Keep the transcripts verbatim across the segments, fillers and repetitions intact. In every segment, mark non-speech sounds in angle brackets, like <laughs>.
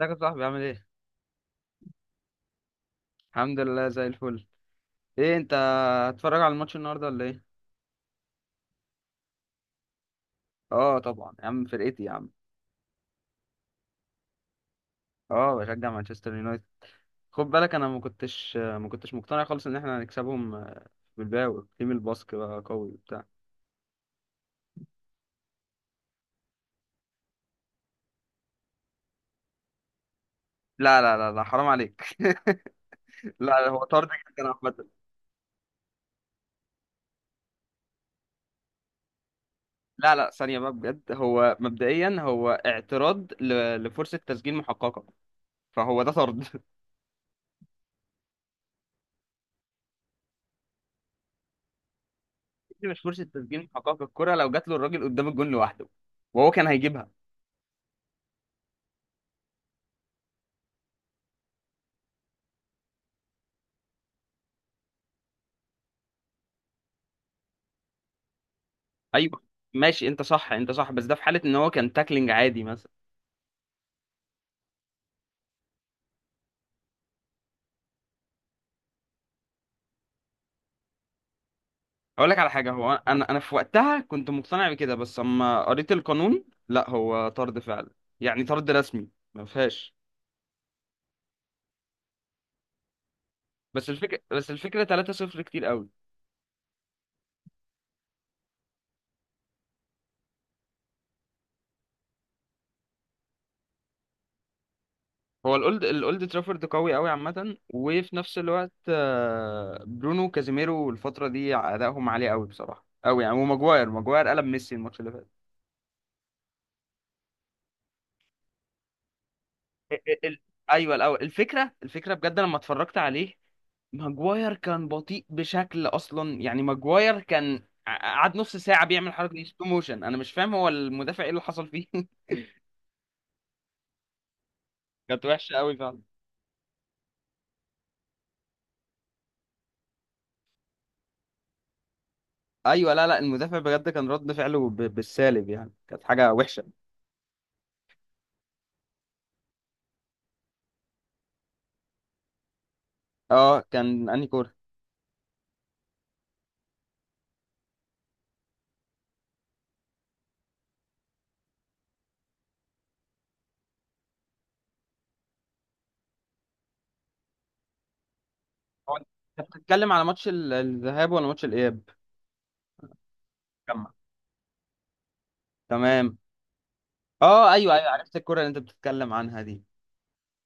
ازيك يا صاحبي عامل ايه؟ الحمد لله زي الفل. ايه انت، هتتفرج على الماتش النهارده ولا ايه؟ اه طبعا يا عم، فرقتي يا عم. اه بشجع مانشستر يونايتد. خد بالك انا ما كنتش ما كنتش مقتنع خالص ان احنا هنكسبهم. بالباو تيم الباسك بقى قوي وبتاع. لا لا لا لا، حرام عليك. <laughs> لا هو طرد جدا عامة. لا لا، ثانية بقى بجد، هو مبدئيا هو اعتراض ل... لفرصة تسجيل محققة، فهو ده طرد. <laughs> دي مش فرصة تسجيل محققة، الكرة لو جات له الراجل قدام الجون لوحده وهو كان هيجيبها. ايوه ماشي، انت صح انت صح، بس ده في حاله ان هو كان تاكلينج عادي مثلا. اقول لك على حاجه، هو انا انا في وقتها كنت مقتنع بكده، بس اما قريت القانون لا هو طرد فعلا، يعني طرد رسمي، ما فيهاش. بس الفكره بس الفكره ثلاثة صفر كتير قوي. هو الاولد الاولد ترافورد قوي قوي عامه، وفي نفس الوقت آه، برونو كازيميرو الفتره دي ادائهم عالي قوي بصراحه قوي يعني، وماجواير ماجواير قلب ميسي الماتش اللي فات. ال... ال... ايوه الاول، الفكره الفكره بجد لما اتفرجت عليه، ماجواير كان بطيء بشكل اصلا يعني. ماجواير كان ع- قعد نص ساعه بيعمل حركه دي سلو موشن، انا مش فاهم هو المدافع ايه اللي حصل فيه. <laughs> كانت وحشه قوي فعلا. ايوه لا لا، المدافع بجد كان رد فعله ب... بالسالب يعني، كانت حاجه وحشه. اه كان انهي كوره. هو انت بتتكلم على ماتش ال- الذهاب ولا ماتش الاياب؟ جمع. تمام. اه ايوه ايوه، عرفت الكوره اللي انت بتتكلم عنها دي.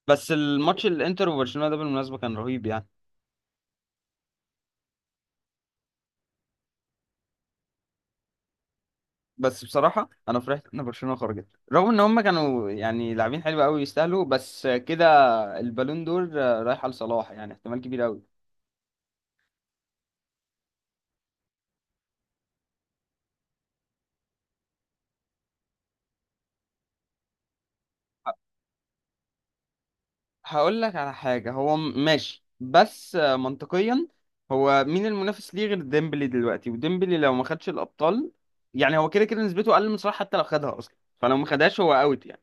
بس الماتش الانتر وبرشلونه ده بالمناسبه كان رهيب يعني. بس بصراحة أنا فرحت إن برشلونة خرجت، رغم إن هما كانوا يعني لاعبين حلو أوي، يستاهلوا بس كده. البالون دور آه، رايح لصلاح، يعني احتمال كبير أوي. هقول لك على حاجة، هو م- ماشي بس آه، منطقيا، هو مين المنافس ليه غير ديمبلي دلوقتي؟ وديمبلي لو ما خدش الأبطال يعني هو كده كده نسبته أقل من صلاح، حتى لو خدها أصلا، فلو ما خدهاش هو أوت يعني.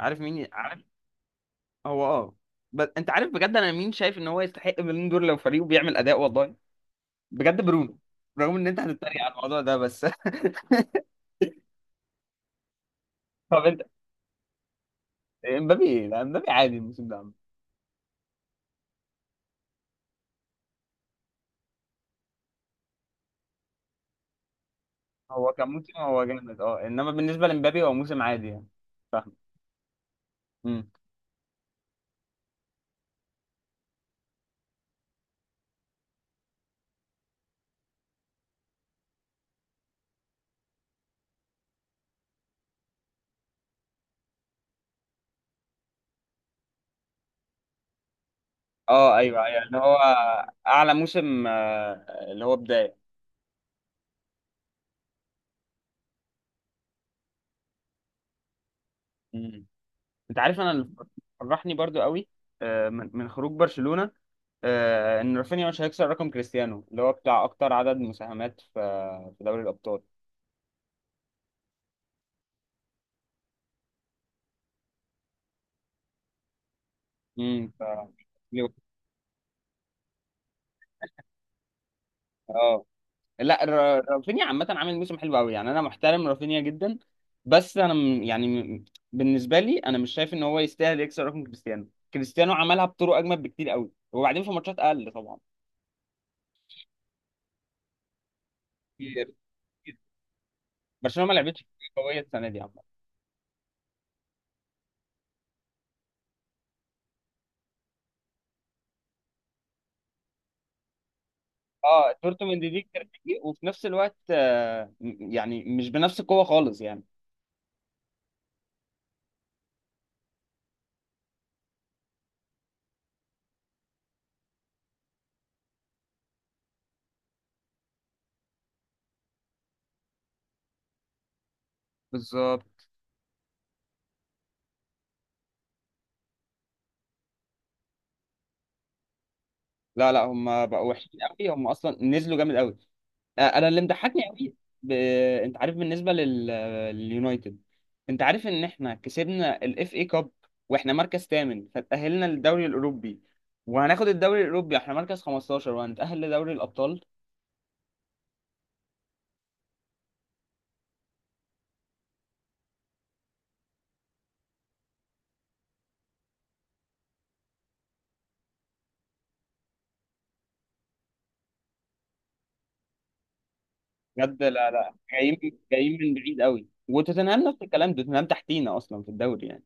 عارف مين عارف. هو أه. بس أنت عارف بجد، أنا مين شايف إن هو يستحق البالون دور لو فريقه بيعمل أداء؟ والله بجد برونو. رغم ان انت هتتريق على الموضوع ده بس. <laughs> طب انت، امبابي؟ لا امبابي عادي الموسم ده عامة. هو كان موسم هو جامد اه، انما بالنسبه لامبابي هو موسم عادي يعني، فاهم. امم. اه ايوه ايوه، اللي هو اعلى موسم آه، اللي هو بدايه. امم. انت عارف انا اللي فرحني برضو قوي آه، من من خروج برشلونه، آه، ان رافينيا مش هيكسر رقم كريستيانو اللي هو بتاع اكتر عدد مساهمات في في دوري الابطال. امم. ف اه لا، ر- رافينيا عامة عامل موسم حلو قوي يعني، انا محترم رافينيا جدا. بس انا م- يعني م- بالنسبة لي انا مش شايف ان هو يستاهل يكسر رقم كريستيانو. كريستيانو عملها بطرق اجمد بكتير قوي، وبعدين في ماتشات اقل طبعا. كتير كتير. برشلونة ما لعبتش كتير قوية السنة دي عامة. اه دورتموند دي كتير فيه، وفي نفس الوقت آه، م- يعني مش بنفس القوة خالص يعني. بالظبط. لا لا، هم بقوا وحشين قوي، هم اصلا نزلوا جامد قوي. آه، انا اللي مضحكني قوي ب... انت عارف بالنسبه لل... لليونايتد. انت عارف ان احنا كسبنا الاف اي كاب، واحنا مركز ثامن فتأهلنا للدوري الاوروبي، وهناخد الدوري الاوروبي احنا مركز خمستاشر وهنتأهل لدوري الابطال. بجد، لا لا، جايين جايين من بعيد قوي، وتوتنهام نفس الكلام، توتنهام تحتينا اصلا في الدوري يعني.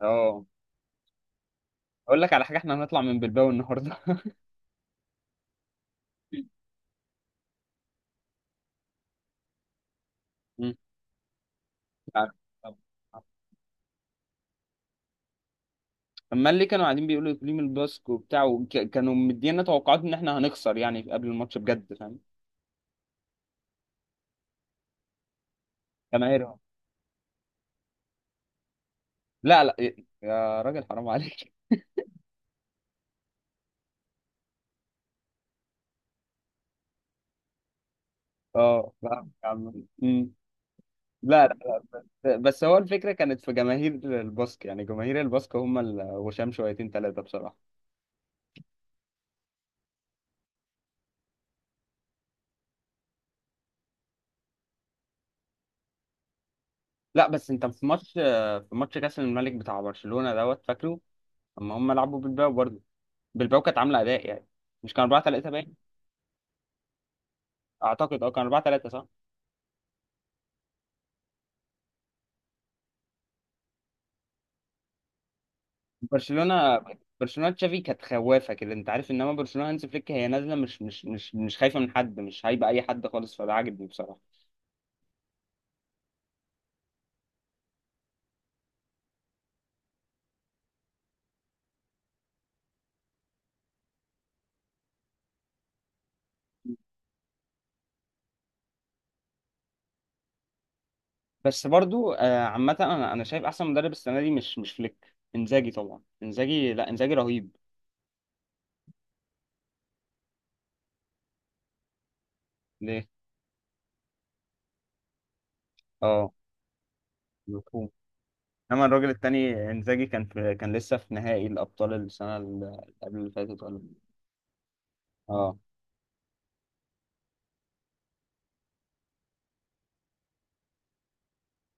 اه اقول لك على حاجه، احنا هنطلع من بلباو النهارده. <laughs> مم. عارف. اما اللي كانوا قاعدين بيقولوا اقليم الباسك وبتاع وك- كانوا مدينا توقعات ان احنا هنخسر يعني قبل الماتش بجد، فاهم. جماهيرهم، لا لا إيه، يا راجل حرام عليك. <laughs> اه فاهم يا عم. أمم. لا لا، بس هو الفكره كانت في جماهير الباسك، يعني جماهير الباسك هم الغشام شويتين ثلاثه بصراحه. لا بس انت في ماتش في ماتش كاس الملك بتاع برشلونه دوت، فاكره؟ اما هم لعبوا بالباو برضه، بالباو كانت عامله اداء يعني، مش كان اربعة تلاته باين؟ اعتقد اه كان اربعة تلاته صح. برشلونه، برشلونه تشافي كانت خوافه كده انت عارف، انما برشلونه هانز فليك هي نازله مش مش مش مش خايفه من حد، مش هايبه اي حد خالص، فده عاجبني بصراحه. بس برضو آه، عامه انا انا شايف احسن مدرب السنه دي مش مش فليك، انزاجي طبعا، انزاجي، لا انزاجي رهيب. ليه؟ اه مفهوم. انما الراجل التاني انزاجي كان في كان لسه في نهائي الابطال السنه اللي قبل اللي فاتت، ولا؟ اه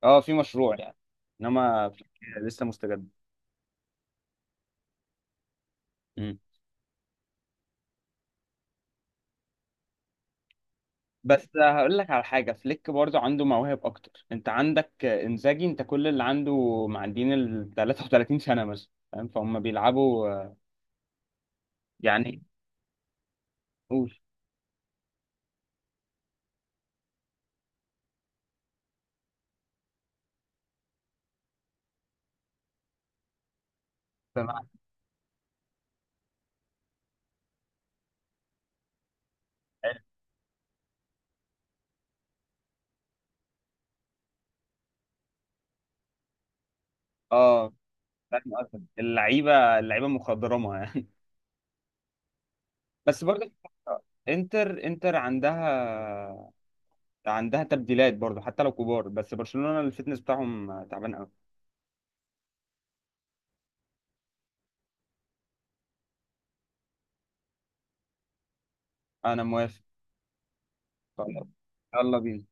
اه في مشروع يعني، انما فليك لسه مستجد. بس هقول لك على حاجة، فليك برضه عنده مواهب أكتر. أنت عندك إنزاجي، أنت كل اللي عنده معديين ال ثلاثة وثلاثين سنة مثلا، فاهم، فهم بيلعبوا يعني. قول. سمعت. اه فاهم قصدك، اللعيبة اللعيبة مخضرمة يعني. <laughs> بس برضه انتر انتر عندها عندها تبديلات برضه، حتى لو كبار، بس برشلونة الفتنس بتاعهم تعبان قوي. أنا موافق. خلاص يلا بينا.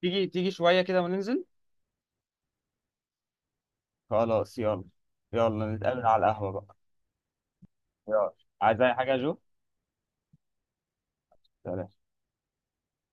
تيجي تيجي شوية كده وننزل. خلاص يلا. يلا نتقابل على القهوة بقى. يلا. عايز اي حاجه يا جو؟ سلام.